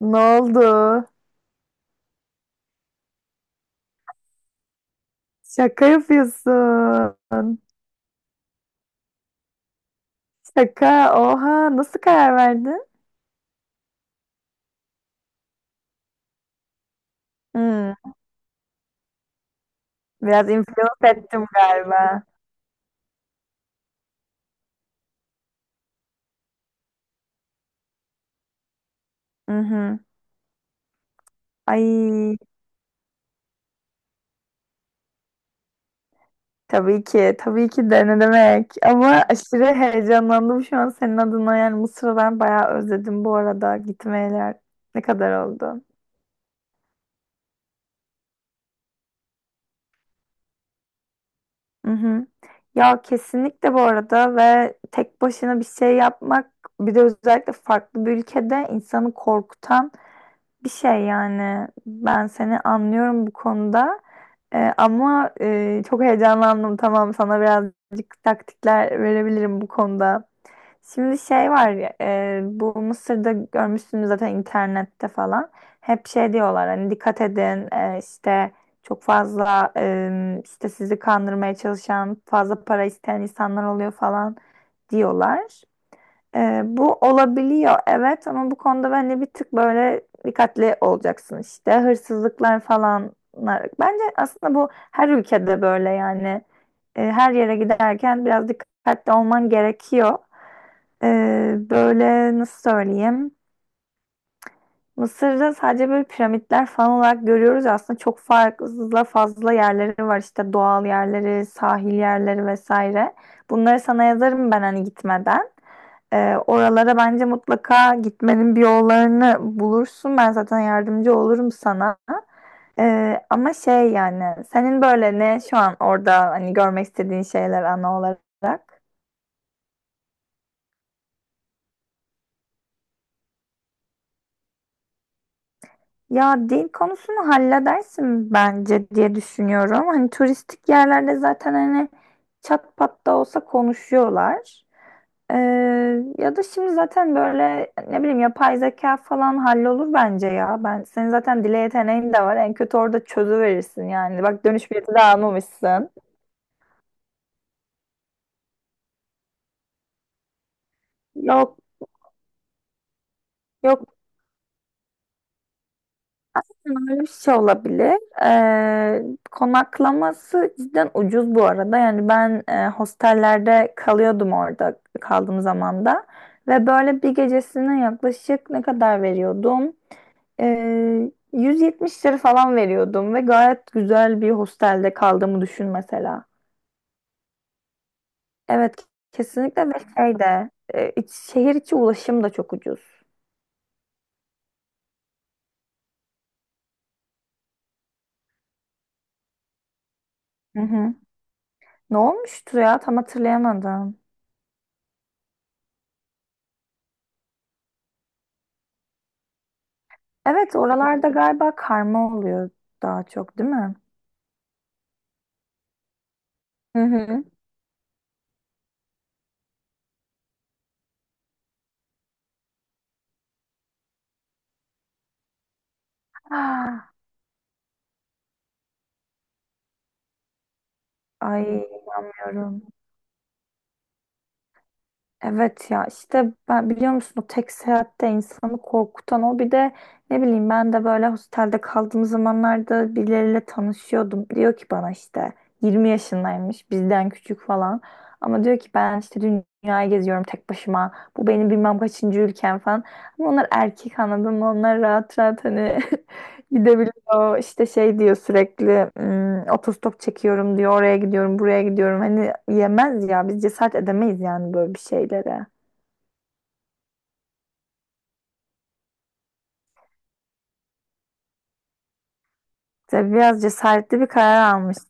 Ne oldu? Şaka yapıyorsun. Şaka. Oha. Nasıl karar verdin? Hmm, Biraz influence ettim galiba. Hı hı. Ay. Tabii ki. Tabii ki de ne demek. Ama aşırı heyecanlandım şu an senin adına. Yani Mısır'ı ben bayağı özledim bu arada. Gitmeyeler. Ne kadar oldu? Hı hı. Ya kesinlikle bu arada, ve tek başına bir şey yapmak, bir de özellikle farklı bir ülkede insanı korkutan bir şey, yani ben seni anlıyorum bu konuda. Ama çok heyecanlandım, tamam, sana birazcık taktikler verebilirim bu konuda. Şimdi şey var ya, bu Mısır'da görmüşsünüz zaten internette falan, hep şey diyorlar, hani dikkat edin, işte çok fazla, işte sizi kandırmaya çalışan, fazla para isteyen insanlar oluyor falan diyorlar. Bu olabiliyor, evet, ama bu konuda bence bir tık böyle dikkatli olacaksın, işte hırsızlıklar falan. Bence aslında bu her ülkede böyle, yani. Her yere giderken biraz dikkatli olman gerekiyor. Böyle nasıl söyleyeyim? Mısır'da sadece böyle piramitler falan olarak görüyoruz ya, aslında çok fazla fazla yerleri var, işte doğal yerleri, sahil yerleri vesaire. Bunları sana yazarım ben hani gitmeden. Oralara bence mutlaka gitmenin bir yollarını bulursun. Ben zaten yardımcı olurum sana. Ama şey yani, senin böyle ne şu an orada hani görmek istediğin şeyler ana olarak? Ya dil konusunu halledersin bence diye düşünüyorum. Hani turistik yerlerde zaten hani çat pat da olsa konuşuyorlar. Ee, Ya da şimdi zaten böyle, ne bileyim, yapay zeka falan hallolur bence ya. Ben senin zaten dile yeteneğin de var. En kötü orada çözüverirsin yani. Bak dönüş bileti de almamışsın. Yok, yok. Öyle bir şey olabilir. Ee, Konaklaması cidden ucuz bu arada. Yani ben hostellerde kalıyordum, orada kaldığım zaman da ve böyle bir gecesine yaklaşık ne kadar veriyordum? 170 lira falan veriyordum ve gayet güzel bir hostelde kaldığımı düşün mesela. Evet, kesinlikle. Ve şey de şehir içi ulaşım da çok ucuz. Hı hı. Ne olmuştu ya, tam hatırlayamadım. Evet, oralarda galiba karma oluyor daha çok, değil mi? Hı hı. Ah. Ay, bilmiyorum. Evet ya, işte ben, biliyor musun, o tek seyahatte insanı korkutan, o bir de ne bileyim, ben de böyle hostelde kaldığım zamanlarda birileriyle tanışıyordum. Diyor ki bana, işte 20 yaşındaymış, bizden küçük falan, ama diyor ki, ben işte dünyayı geziyorum tek başıma, bu benim bilmem kaçıncı ülkem falan, ama onlar erkek, anladın mı, onlar rahat rahat hani gidebiliyor, işte şey diyor sürekli, Otostop çekiyorum, diyor, oraya gidiyorum, buraya gidiyorum," hani yemez ya, biz cesaret edemeyiz yani böyle bir şeylere. İşte biraz cesaretli bir karar almışsın,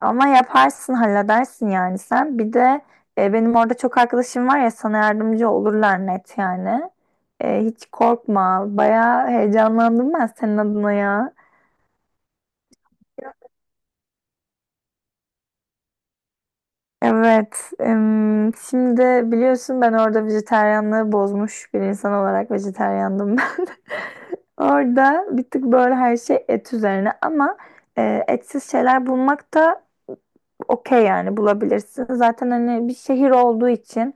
ama yaparsın halledersin yani. Sen bir de benim orada çok arkadaşım var ya, sana yardımcı olurlar, net yani. Hiç korkma, bayağı heyecanlandım ben senin adına ya. Evet. Şimdi biliyorsun, ben orada vejetaryenliği bozmuş bir insan olarak, vejetaryendim ben. Orada bir tık böyle her şey et üzerine, ama etsiz şeyler bulmak da okey yani, bulabilirsin. Zaten hani bir şehir olduğu için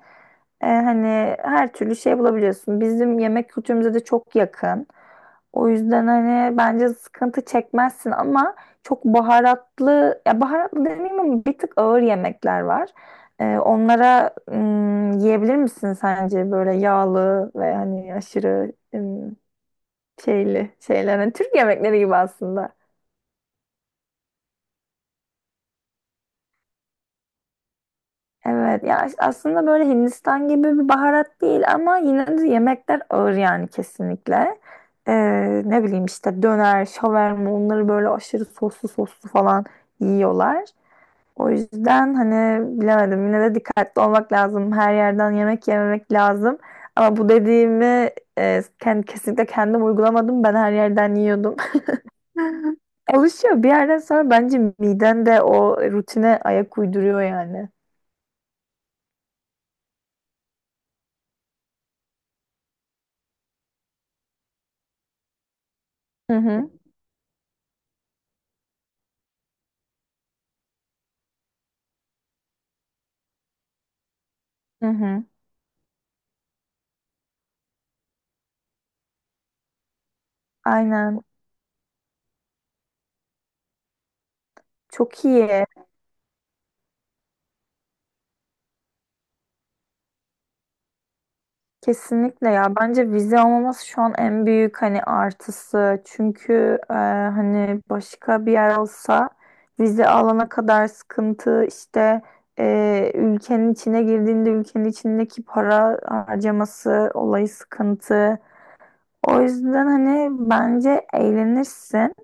hani her türlü şey bulabiliyorsun. Bizim yemek kültürümüze de çok yakın. O yüzden hani bence sıkıntı çekmezsin, ama çok baharatlı, ya baharatlı demeyeyim, ama bir tık ağır yemekler var. Onlara yiyebilir misin sence? Böyle yağlı ve hani aşırı şeyli şeyler? Hani Türk yemekleri gibi aslında. Evet, ya aslında böyle Hindistan gibi bir baharat değil, ama yine de yemekler ağır yani, kesinlikle. Ee, Ne bileyim, işte döner, şaverma, onları böyle aşırı soslu soslu falan yiyorlar. O yüzden hani bilemedim. Yine de dikkatli olmak lazım. Her yerden yemek yememek lazım. Ama bu dediğimi kesinlikle kendim uygulamadım. Ben her yerden yiyordum. Alışıyor. Bir yerden sonra bence miden de o rutine ayak uyduruyor yani. Hı hı. Hı hı. Aynen. Çok iyi. Kesinlikle ya, bence vize olmaması şu an en büyük hani artısı, çünkü hani başka bir yer olsa, vize alana kadar sıkıntı, işte ülkenin içine girdiğinde ülkenin içindeki para harcaması olayı sıkıntı, o yüzden hani bence eğlenirsin.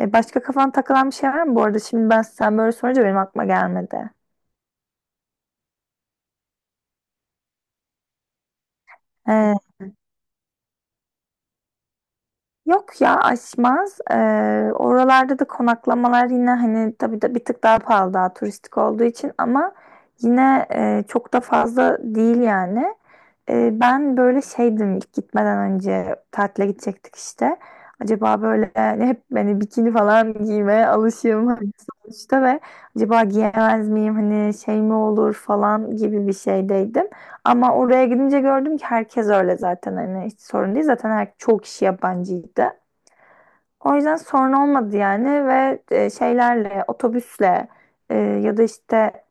Başka kafan takılan bir şey var mı bu arada? Şimdi ben, sen böyle sorunca benim aklıma gelmedi. Yok ya, aşmaz. Oralarda da konaklamalar yine hani, tabii de bir tık daha pahalı, daha turistik olduğu için, ama yine çok da fazla değil yani. Ben böyle şeydim ilk gitmeden önce, tatile gidecektik işte. Acaba böyle hani, hep beni bikini falan giymeye alışığım hani, sonuçta, ve acaba giyemez miyim hani, şey mi olur falan gibi bir şeydeydim. Ama oraya gidince gördüm ki herkes öyle zaten, hani hiç sorun değil. Zaten her, çoğu kişi yabancıydı. O yüzden sorun olmadı yani. Ve şeylerle, otobüsle, ya da işte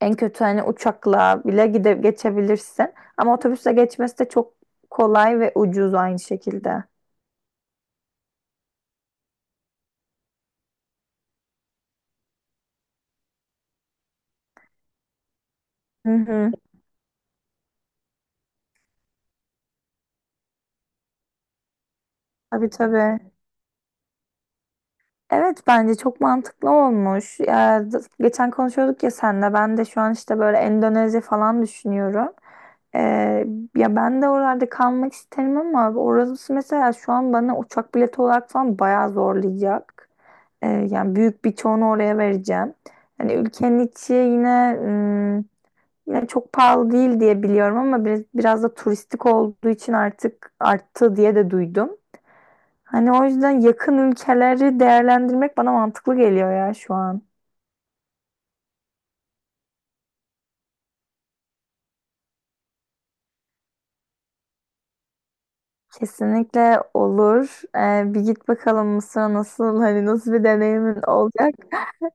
en kötü hani uçakla bile gide geçebilirsin. Ama otobüsle geçmesi de çok kolay ve ucuz, aynı şekilde. Hı hı. Tabii, tabii. Evet, bence çok mantıklı olmuş. Ya, geçen konuşuyorduk ya senle. Ben de şu an işte böyle Endonezya falan düşünüyorum. Ee, Ya ben de oralarda kalmak isterim, ama orası mesela şu an bana uçak bileti olarak falan bayağı zorlayacak. Yani büyük bir çoğunu oraya vereceğim. Hani ülkenin içi yine yine çok pahalı değil diye biliyorum, ama biraz da turistik olduğu için artık arttı diye de duydum. Hani o yüzden yakın ülkeleri değerlendirmek bana mantıklı geliyor ya şu an. Kesinlikle olur. Bir git bakalım Mısır'a, nasıl hani nasıl bir deneyimin olacak.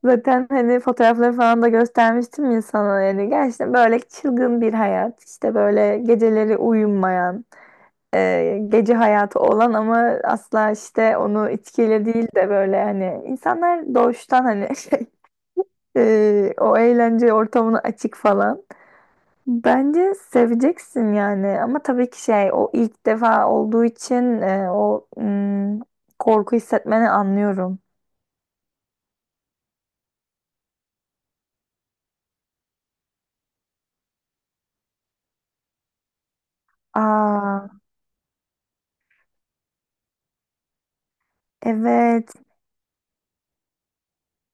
Zaten hani fotoğrafları falan da göstermiştim ya sana, yani gerçekten böyle çılgın bir hayat. İşte böyle geceleri uyumayan, gece hayatı olan, ama asla işte onu içkiyle değil de böyle hani insanlar doğuştan hani şey, o eğlence ortamına açık falan. Bence seveceksin yani, ama tabii ki şey, o ilk defa olduğu için o korku hissetmeni anlıyorum. Aa, evet,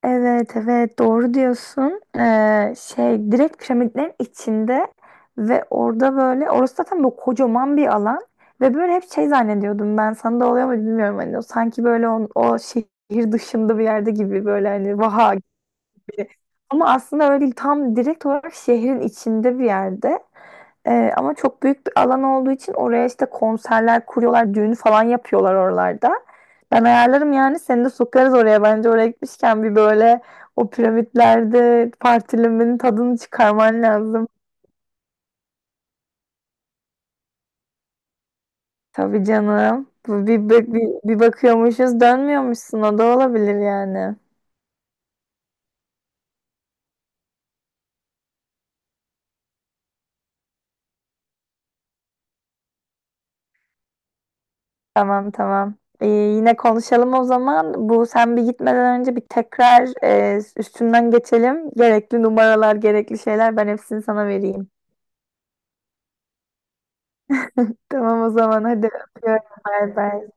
evet, evet, doğru diyorsun. Şey direkt piramitlerin içinde, ve orada böyle orası zaten böyle kocaman bir alan. Ve böyle hep şey zannediyordum, ben sana da oluyor mu bilmiyorum hani, o sanki böyle o şehir dışında bir yerde gibi, böyle hani vaha. Ama aslında öyle değil. Tam direkt olarak şehrin içinde bir yerde. Ama çok büyük bir alan olduğu için oraya işte konserler kuruyorlar, düğün falan yapıyorlar oralarda. Ben ayarlarım yani, seni de sokarız oraya. Bence oraya gitmişken bir böyle o piramitlerde partilimin tadını çıkarman lazım. Tabii canım. Bu bir bakıyormuşuz, dönmüyormuşsun, o da olabilir yani. Tamam, tamam. Yine konuşalım o zaman. Bu, sen bir gitmeden önce, bir tekrar üstünden geçelim. Gerekli numaralar, gerekli şeyler, ben hepsini sana vereyim. Tamam o zaman, hadi öpüyorum. Bay bay.